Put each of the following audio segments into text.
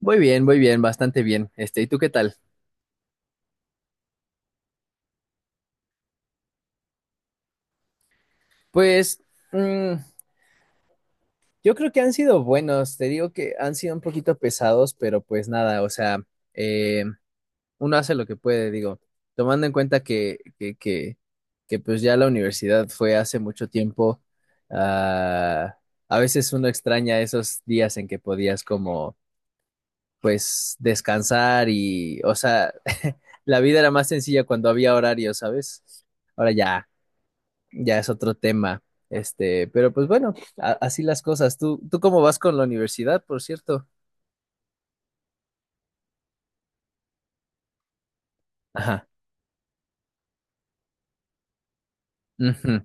Muy bien, bastante bien. ¿Y tú qué tal? Pues mm, yo creo que han sido buenos, te digo que han sido un poquito pesados, pero pues nada, o sea, eh, uno hace lo que puede, digo, tomando en cuenta que pues ya la universidad fue hace mucho tiempo. ah, a veces uno extraña esos días en que podías como pues descansar y, o sea, la vida era más sencilla cuando había horario, ¿sabes? Ahora ya, ya es otro tema. Pero pues bueno, así las cosas. ¿Tú cómo vas con la universidad, por cierto? Ajá. Ujú.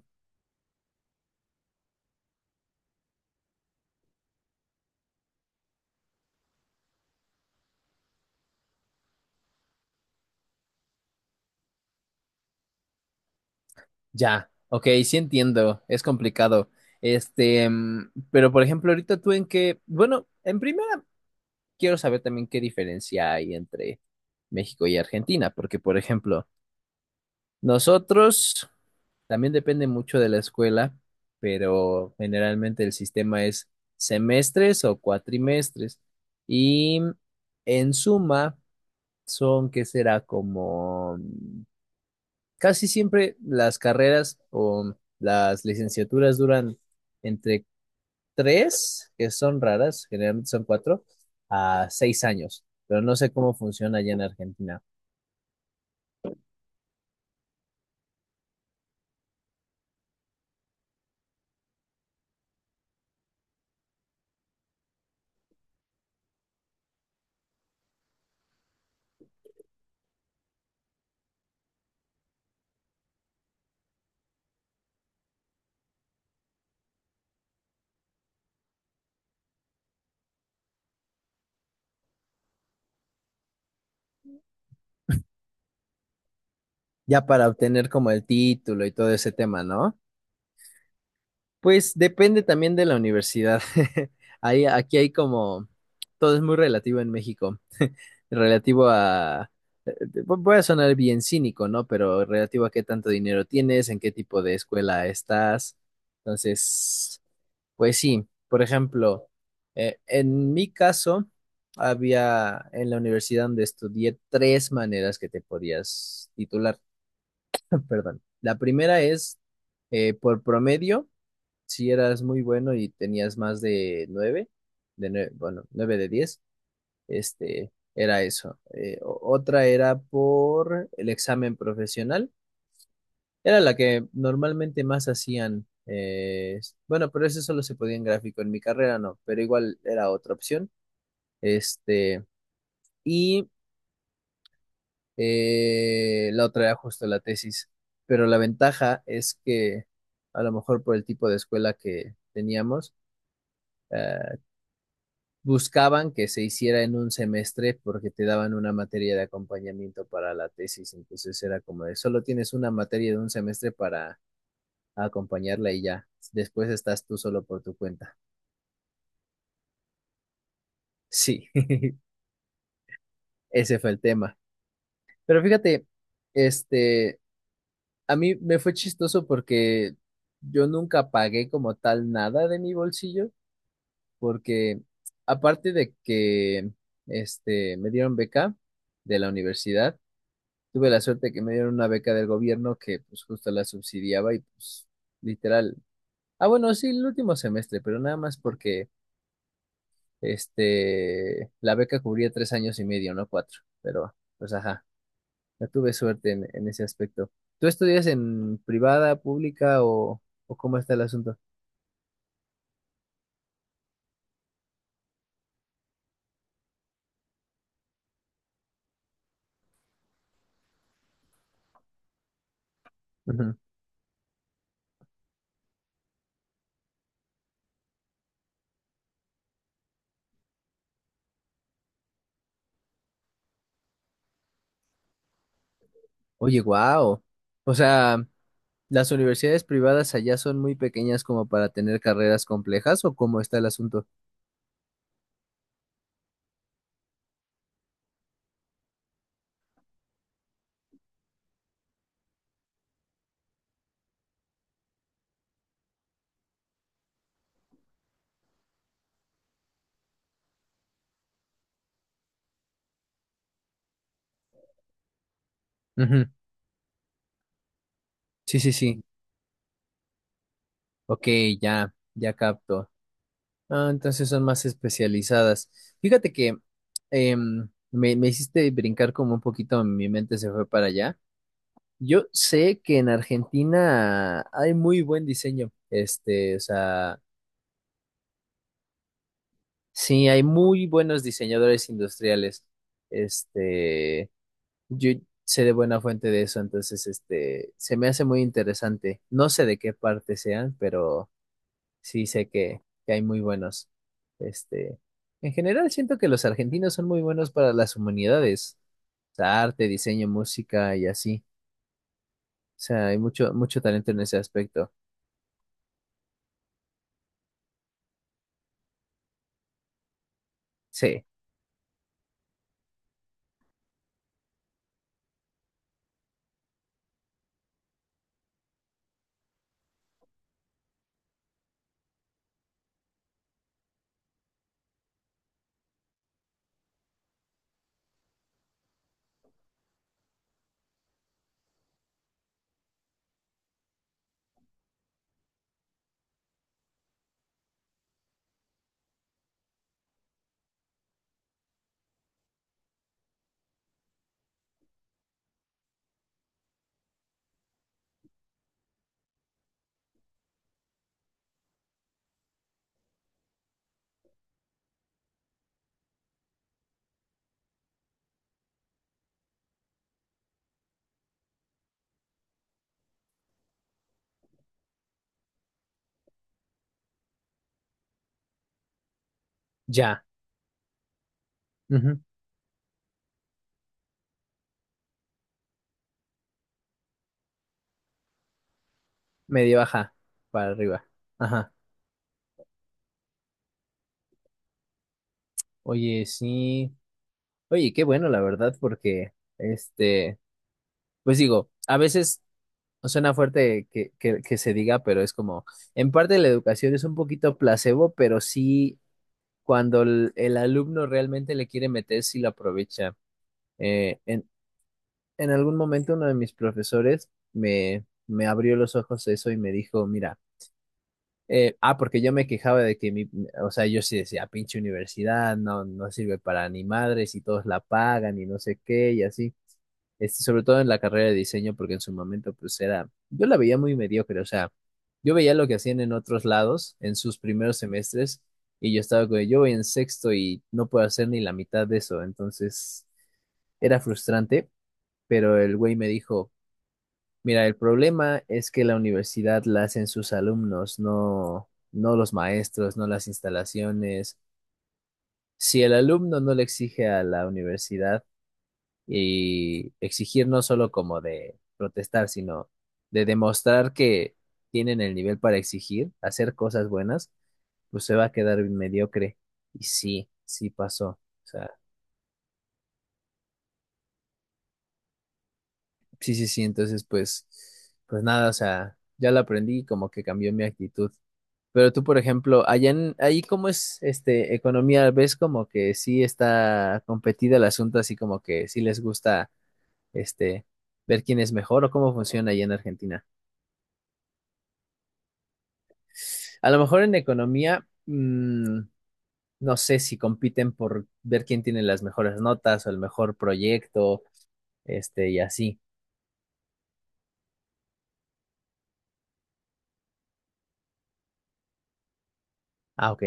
Ya. Ok, sí entiendo. Es complicado. Pero por ejemplo, ahorita tú en qué, bueno, en primera quiero saber también qué diferencia hay entre México y Argentina, porque por ejemplo, nosotros también depende mucho de la escuela, pero generalmente el sistema es semestres o cuatrimestres. Y en suma, son que será como casi siempre las carreras o las licenciaturas duran entre tres, que son raras, generalmente son cuatro, a 6 años. Pero no sé cómo funciona allá en Argentina. Ya para obtener como el título y todo ese tema, ¿no? Pues depende también de la universidad. Ahí, aquí hay como, todo es muy relativo en México, relativo a, eh, voy a sonar bien cínico, ¿no? Pero relativo a qué tanto dinero tienes, en qué tipo de escuela estás. Entonces, pues sí, por ejemplo, en mi caso, había en la universidad donde estudié tres maneras que te podías titular. Perdón. La primera es por promedio si eras muy bueno y tenías más de nueve, bueno, nueve de diez, era eso. Otra era por el examen profesional, era la que normalmente más hacían. Bueno, pero eso solo se podía en gráfico, en mi carrera no, pero igual era otra opción. Este, y la otra era justo la tesis, pero la ventaja es que a lo mejor por el tipo de escuela que teníamos, eh, buscaban que se hiciera en un semestre porque te daban una materia de acompañamiento para la tesis, entonces era como de solo tienes una materia de un semestre para acompañarla y ya, después estás tú solo por tu cuenta. Sí, ese fue el tema. Pero fíjate, este, a mí me fue chistoso porque yo nunca pagué como tal nada de mi bolsillo, porque aparte de que, me dieron beca de la universidad, tuve la suerte que me dieron una beca del gobierno que pues justo la subsidiaba y pues literal. Ah, bueno, sí, el último semestre, pero nada más porque la beca cubría 3 años y medio, no 4. Pero, pues ajá, no tuve suerte en ese aspecto. ¿Tú estudias en privada, pública o cómo está el asunto? Ujú. Oye, wow. O sea, ¿las universidades privadas allá son muy pequeñas como para tener carreras complejas o cómo está el asunto? Ujú. Sí, sí, sí. Ok, ya, ya capto. Ah, entonces son más especializadas. Fíjate que me hiciste brincar como un poquito, mi mente se fue para allá. Yo sé que en Argentina hay muy buen diseño, o sea, sí, hay muy buenos diseñadores industriales. Este, yo sé de buena fuente de eso, entonces, se me hace muy interesante. No sé de qué parte sean, pero sí sé que hay muy buenos. Este, en general siento que los argentinos son muy buenos para las humanidades, o sea, arte, diseño, música y así. O sea, hay mucho, mucho talento en ese aspecto. Sí, ya. Ujú. Medio baja, para arriba. Ajá. Oye, sí. Oye, qué bueno, la verdad, porque, pues digo, a veces suena fuerte que se diga, pero es como, en parte la educación es un poquito placebo, pero sí cuando el alumno realmente le quiere meter, sí lo aprovecha. Eh, en, en algún momento uno de mis profesores me abrió los ojos a eso y me dijo, mira, porque yo me quejaba de que mi, o sea, yo sí decía, pinche universidad, no, no sirve para ni madres y todos la pagan y no sé qué y así. Sobre todo en la carrera de diseño, porque en su momento pues era, yo la veía muy mediocre, o sea, yo veía lo que hacían en otros lados, en sus primeros semestres, y yo estaba como, yo voy en sexto y no puedo hacer ni la mitad de eso, entonces era frustrante, pero el güey me dijo, mira, el problema es que la universidad la hacen sus alumnos, no, no los maestros, no las instalaciones. Si el alumno no le exige a la universidad, y exigir no solo como de protestar, sino de demostrar que tienen el nivel para exigir, hacer cosas buenas, pues se va a quedar mediocre. Y sí, sí pasó. O sea, sí, sí, sí. Entonces, pues, pues nada, o sea, ya lo aprendí y como que cambió mi actitud. Pero tú, por ejemplo, allá en, ahí cómo es economía, ¿ves como que sí está competida el asunto, así como que sí les gusta este ver quién es mejor o cómo funciona allá en Argentina? A lo mejor en economía, no sé si compiten por ver quién tiene las mejores notas o el mejor proyecto, y así. Ah, ok.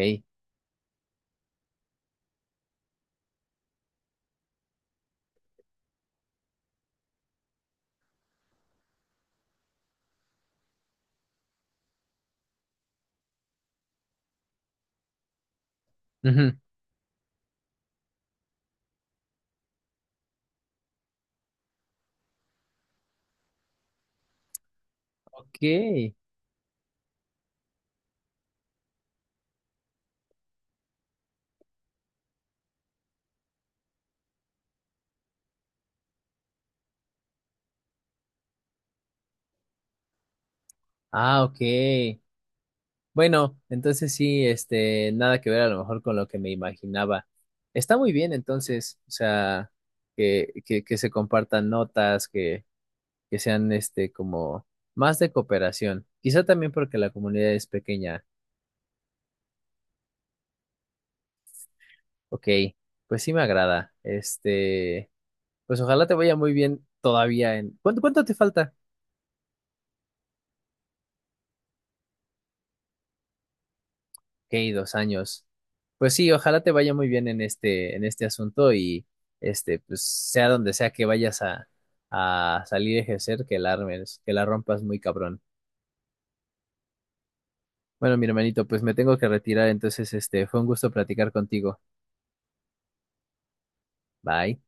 Ujú. Ok. Ah, ok. Bueno, entonces sí, nada que ver a lo mejor con lo que me imaginaba. Está muy bien entonces, o sea, que se compartan notas, que sean como más de cooperación. Quizá también porque la comunidad es pequeña. Ok, pues sí me agrada. Pues ojalá te vaya muy bien todavía en... cuánto te falta? Ok, 2 años. Pues sí, ojalá te vaya muy bien en en este asunto y pues sea donde sea que vayas a salir a ejercer, que la armes, que la rompas muy cabrón. Bueno, mi hermanito, pues me tengo que retirar, entonces fue un gusto platicar contigo. Bye.